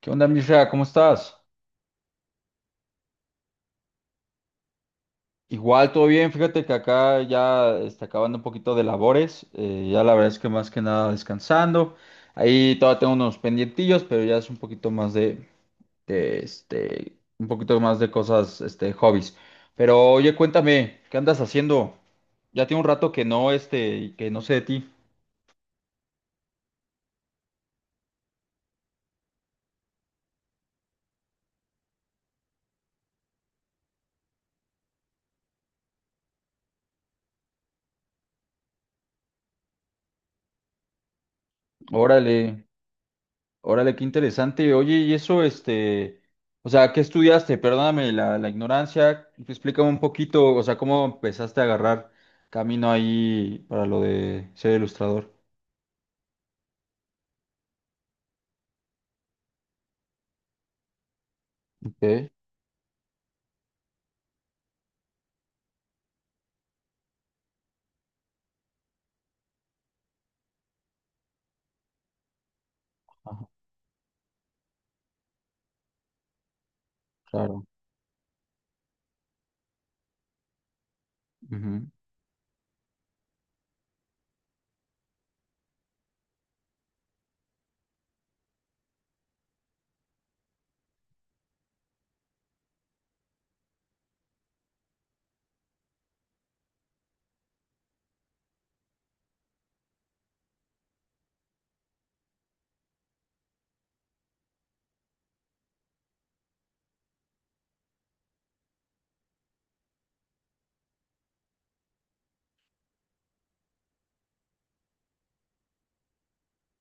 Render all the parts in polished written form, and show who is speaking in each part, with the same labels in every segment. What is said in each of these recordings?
Speaker 1: ¿Qué onda, Mirza? ¿Cómo estás? Igual, todo bien. Fíjate que acá ya está acabando un poquito de labores. Ya la verdad es que más que nada descansando. Ahí todavía tengo unos pendientillos, pero ya es un poquito más de, este, un poquito más de cosas, este, hobbies. Pero oye, cuéntame, ¿qué andas haciendo? Ya tiene un rato que no, este, que no sé de ti. Órale. Órale, qué interesante. Oye, y eso, este, o sea, ¿qué estudiaste? Perdóname la ignorancia. Explícame un poquito, o sea, ¿cómo empezaste a agarrar camino ahí para lo de ser ilustrador? Ok, ajá, claro.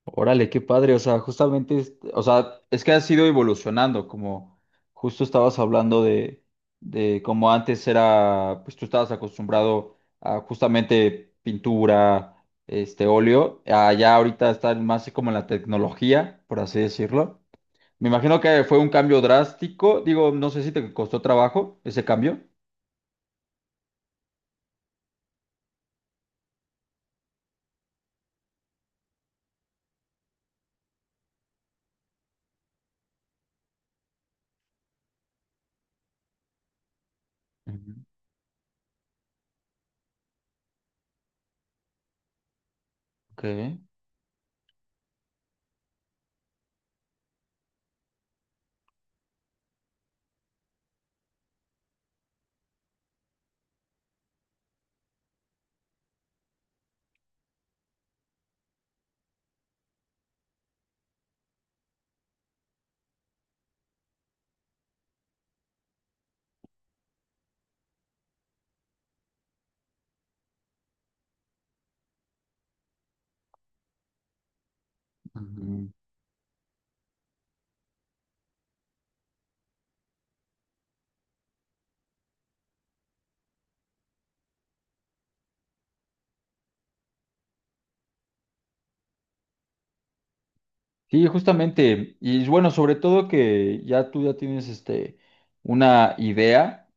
Speaker 1: Órale, qué padre, o sea, justamente, o sea, es que has ido evolucionando, como justo estabas hablando de cómo antes era, pues tú estabas acostumbrado a justamente pintura, este óleo, allá ahorita están más como en la tecnología, por así decirlo. Me imagino que fue un cambio drástico, digo, no sé si te costó trabajo ese cambio. Ujú. Ok. Sí, justamente. Y bueno, sobre todo que ya tú ya tienes este una idea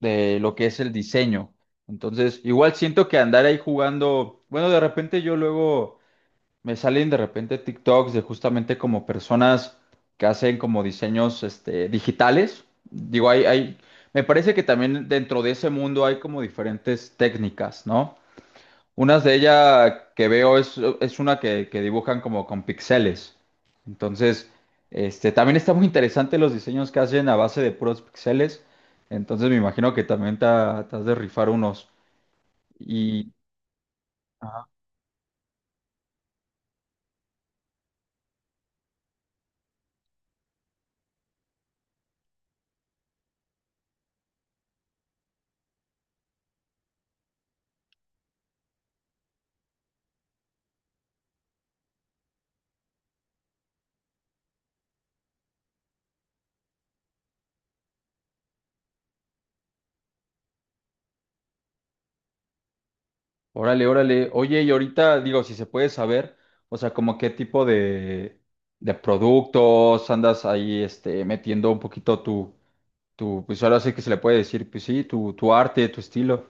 Speaker 1: de lo que es el diseño. Entonces, igual siento que andar ahí jugando, bueno, de repente yo luego me salen de repente TikToks de justamente como personas que hacen como diseños este digitales. Digo, hay, me parece que también dentro de ese mundo hay como diferentes técnicas, ¿no? Unas de ella que veo es una que dibujan como con pixeles. Entonces, este, también está muy interesante los diseños que hacen a base de puros pixeles. Entonces me imagino que también te has de rifar unos. Y órale, órale. Oye, y ahorita digo, si se puede saber, o sea, como qué tipo de productos andas ahí este, metiendo un poquito tu, tu, pues ahora sí que se le puede decir, pues sí, tu arte, tu estilo.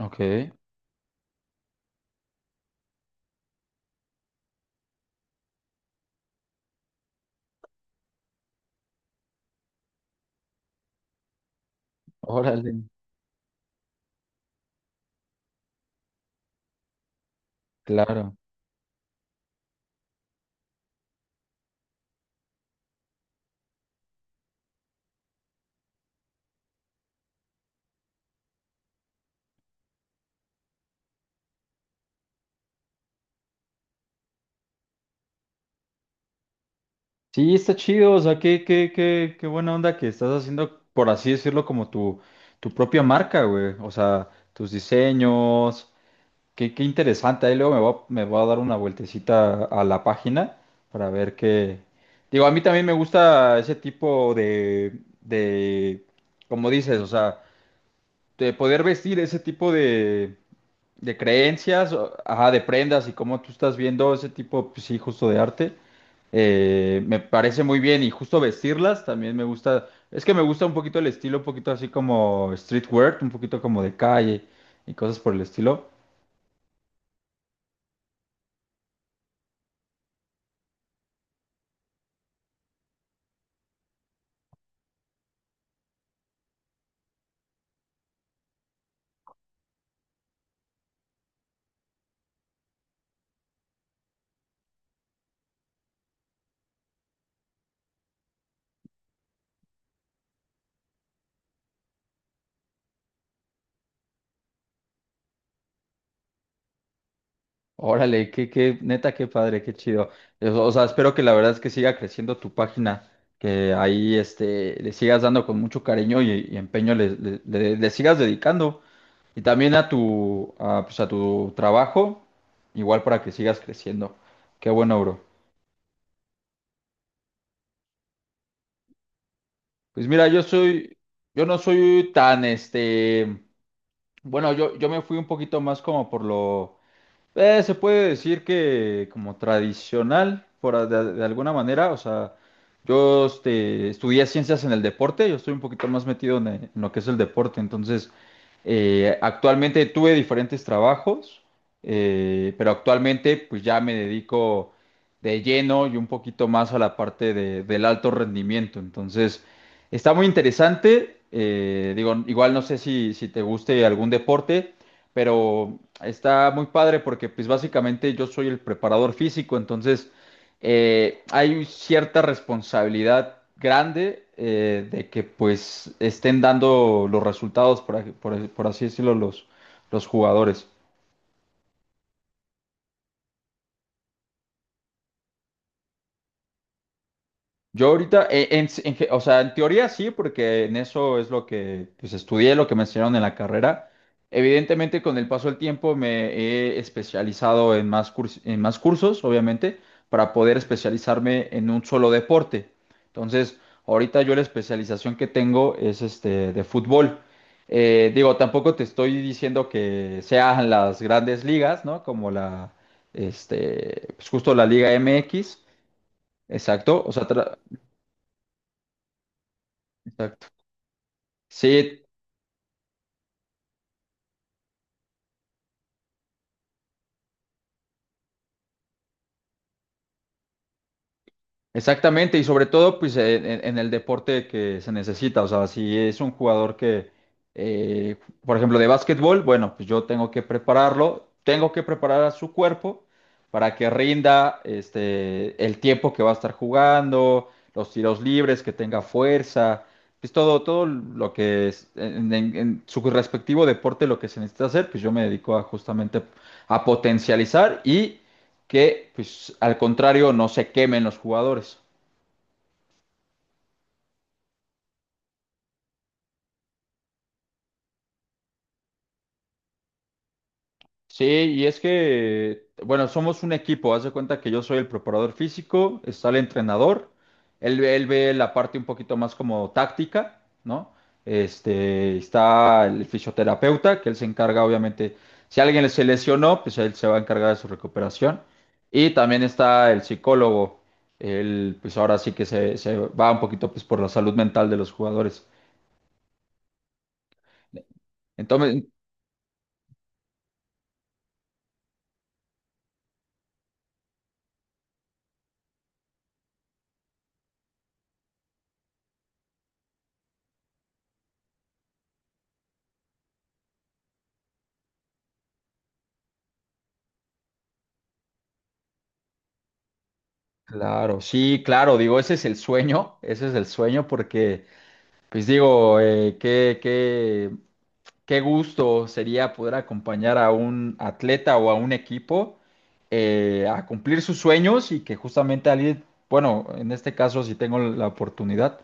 Speaker 1: Ok, órale, claro. Sí, está chido, o sea, qué buena onda que estás haciendo, por así decirlo, como tu propia marca, güey. O sea, tus diseños, qué, qué interesante. Ahí luego me voy a dar una vueltecita a la página para ver qué. Digo, a mí también me gusta ese tipo de, como dices, o sea, de poder vestir ese tipo de creencias, ajá, de prendas y cómo tú estás viendo ese tipo, pues sí, justo de arte. Me parece muy bien y justo vestirlas también me gusta. Es que me gusta un poquito el estilo, un poquito así como streetwear, un poquito como de calle y cosas por el estilo. Órale, qué, qué, neta, qué padre, qué chido. O sea, espero que la verdad es que siga creciendo tu página, que ahí este, le sigas dando con mucho cariño y empeño, le sigas dedicando. Y también a tu, a, pues a tu trabajo, igual para que sigas creciendo. Qué bueno, bro. Pues mira, yo soy, yo no soy tan, este, bueno, yo me fui un poquito más como por lo se puede decir que como tradicional, de alguna manera, o sea, yo este, estudié ciencias en el deporte, yo estoy un poquito más metido en lo que es el deporte, entonces actualmente tuve diferentes trabajos, pero actualmente pues ya me dedico de lleno y un poquito más a la del alto rendimiento, entonces está muy interesante, digo, igual no sé si, si te guste algún deporte pero está muy padre porque pues básicamente yo soy el preparador físico, entonces hay cierta responsabilidad grande de que pues estén dando los resultados, por así decirlo, los jugadores. Yo ahorita, en, o sea, en teoría sí, porque en eso es lo que pues, estudié, lo que me enseñaron en la carrera. Evidentemente, con el paso del tiempo me he especializado en más, en más cursos, obviamente, para poder especializarme en un solo deporte. Entonces, ahorita yo la especialización que tengo es este de fútbol. Digo, tampoco te estoy diciendo que sean las grandes ligas, ¿no? Como la, este, pues justo la Liga MX, exacto, o sea, exacto. Sí, exactamente, y sobre todo pues en, en el deporte que se necesita, o sea, si es un jugador que, eh, por ejemplo, de básquetbol, bueno, pues yo tengo que prepararlo, tengo que preparar a su cuerpo para que rinda este, el tiempo que va a estar jugando, los tiros libres, que tenga fuerza, pues todo, todo lo que es en, en su respectivo deporte lo que se necesita hacer, pues yo me dedico a justamente a potencializar y que, pues, al contrario, no se quemen los jugadores. Sí, y es que, bueno, somos un equipo. Haz de cuenta que yo soy el preparador físico, está el entrenador, él ve la parte un poquito más como táctica, ¿no? Este, está el fisioterapeuta, que él se encarga, obviamente, si alguien se lesionó, pues él se va a encargar de su recuperación. Y también está el psicólogo, él, pues ahora sí que se va un poquito, pues, por la salud mental de los jugadores. Entonces, claro, sí, claro, digo, ese es el sueño, ese es el sueño porque, pues digo, qué gusto sería poder acompañar a un atleta o a un equipo a cumplir sus sueños y que justamente alguien, bueno, en este caso si tengo la oportunidad,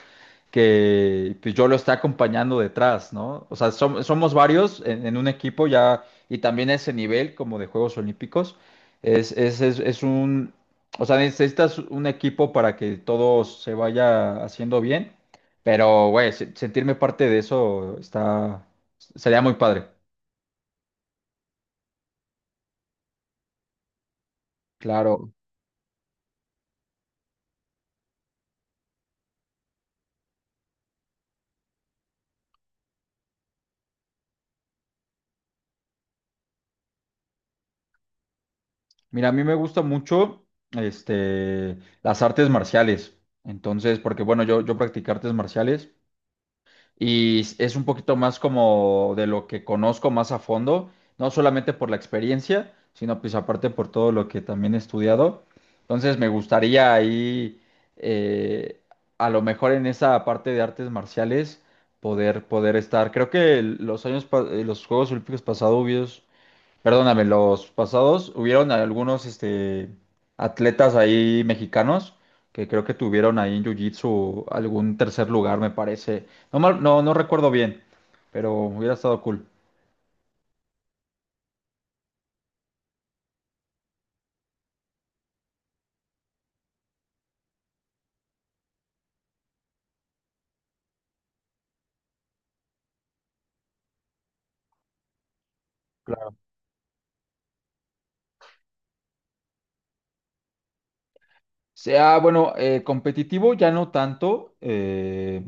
Speaker 1: que pues, yo lo esté acompañando detrás, ¿no? O sea, somos varios en un equipo ya y también ese nivel como de Juegos Olímpicos es un, o sea, necesitas un equipo para que todo se vaya haciendo bien, pero, güey, sentirme parte de eso está... Sería muy padre. Claro. Mira, a mí me gusta mucho este, las artes marciales. Entonces, porque bueno, yo practiqué artes marciales y es un poquito más como de lo que conozco más a fondo, no solamente por la experiencia, sino pues aparte por todo lo que también he estudiado. Entonces, me gustaría ahí, eh, a lo mejor en esa parte de artes marciales, poder estar. Creo que los años, los Juegos Olímpicos pasados perdóname, los pasados, hubieron algunos este, atletas ahí mexicanos que creo que tuvieron ahí en Jiu-Jitsu algún tercer lugar, me parece. No, no recuerdo bien, pero hubiera estado cool. Claro. Sea, bueno, competitivo ya no tanto. eh,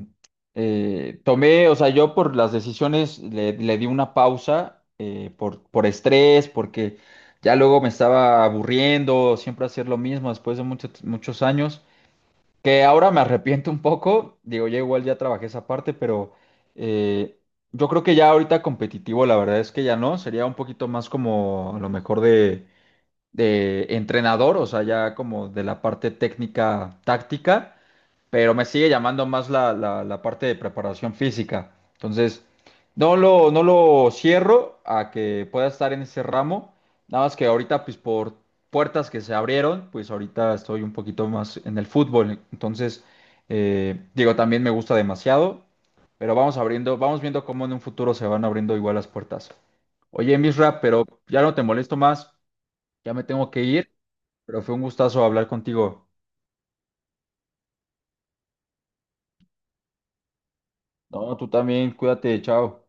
Speaker 1: eh, Tomé, o sea, yo por las decisiones le di una pausa por estrés, porque ya luego me estaba aburriendo, siempre hacer lo mismo después de muchos años. Que ahora me arrepiento un poco, digo, ya igual ya trabajé esa parte, pero eh, yo creo que ya ahorita competitivo, la verdad es que ya no, sería un poquito más como a lo mejor de entrenador, o sea, ya como de la parte técnica, táctica, pero me sigue llamando más la, la parte de preparación física. Entonces, no lo cierro a que pueda estar en ese ramo, nada más que ahorita, pues por puertas que se abrieron, pues ahorita estoy un poquito más en el fútbol. Entonces, digo, también me gusta demasiado, pero vamos abriendo, vamos viendo cómo en un futuro se van abriendo igual las puertas. Oye, Misra, pero ya no te molesto más, ya me tengo que ir, pero fue un gustazo hablar contigo. No, tú también, cuídate, chao.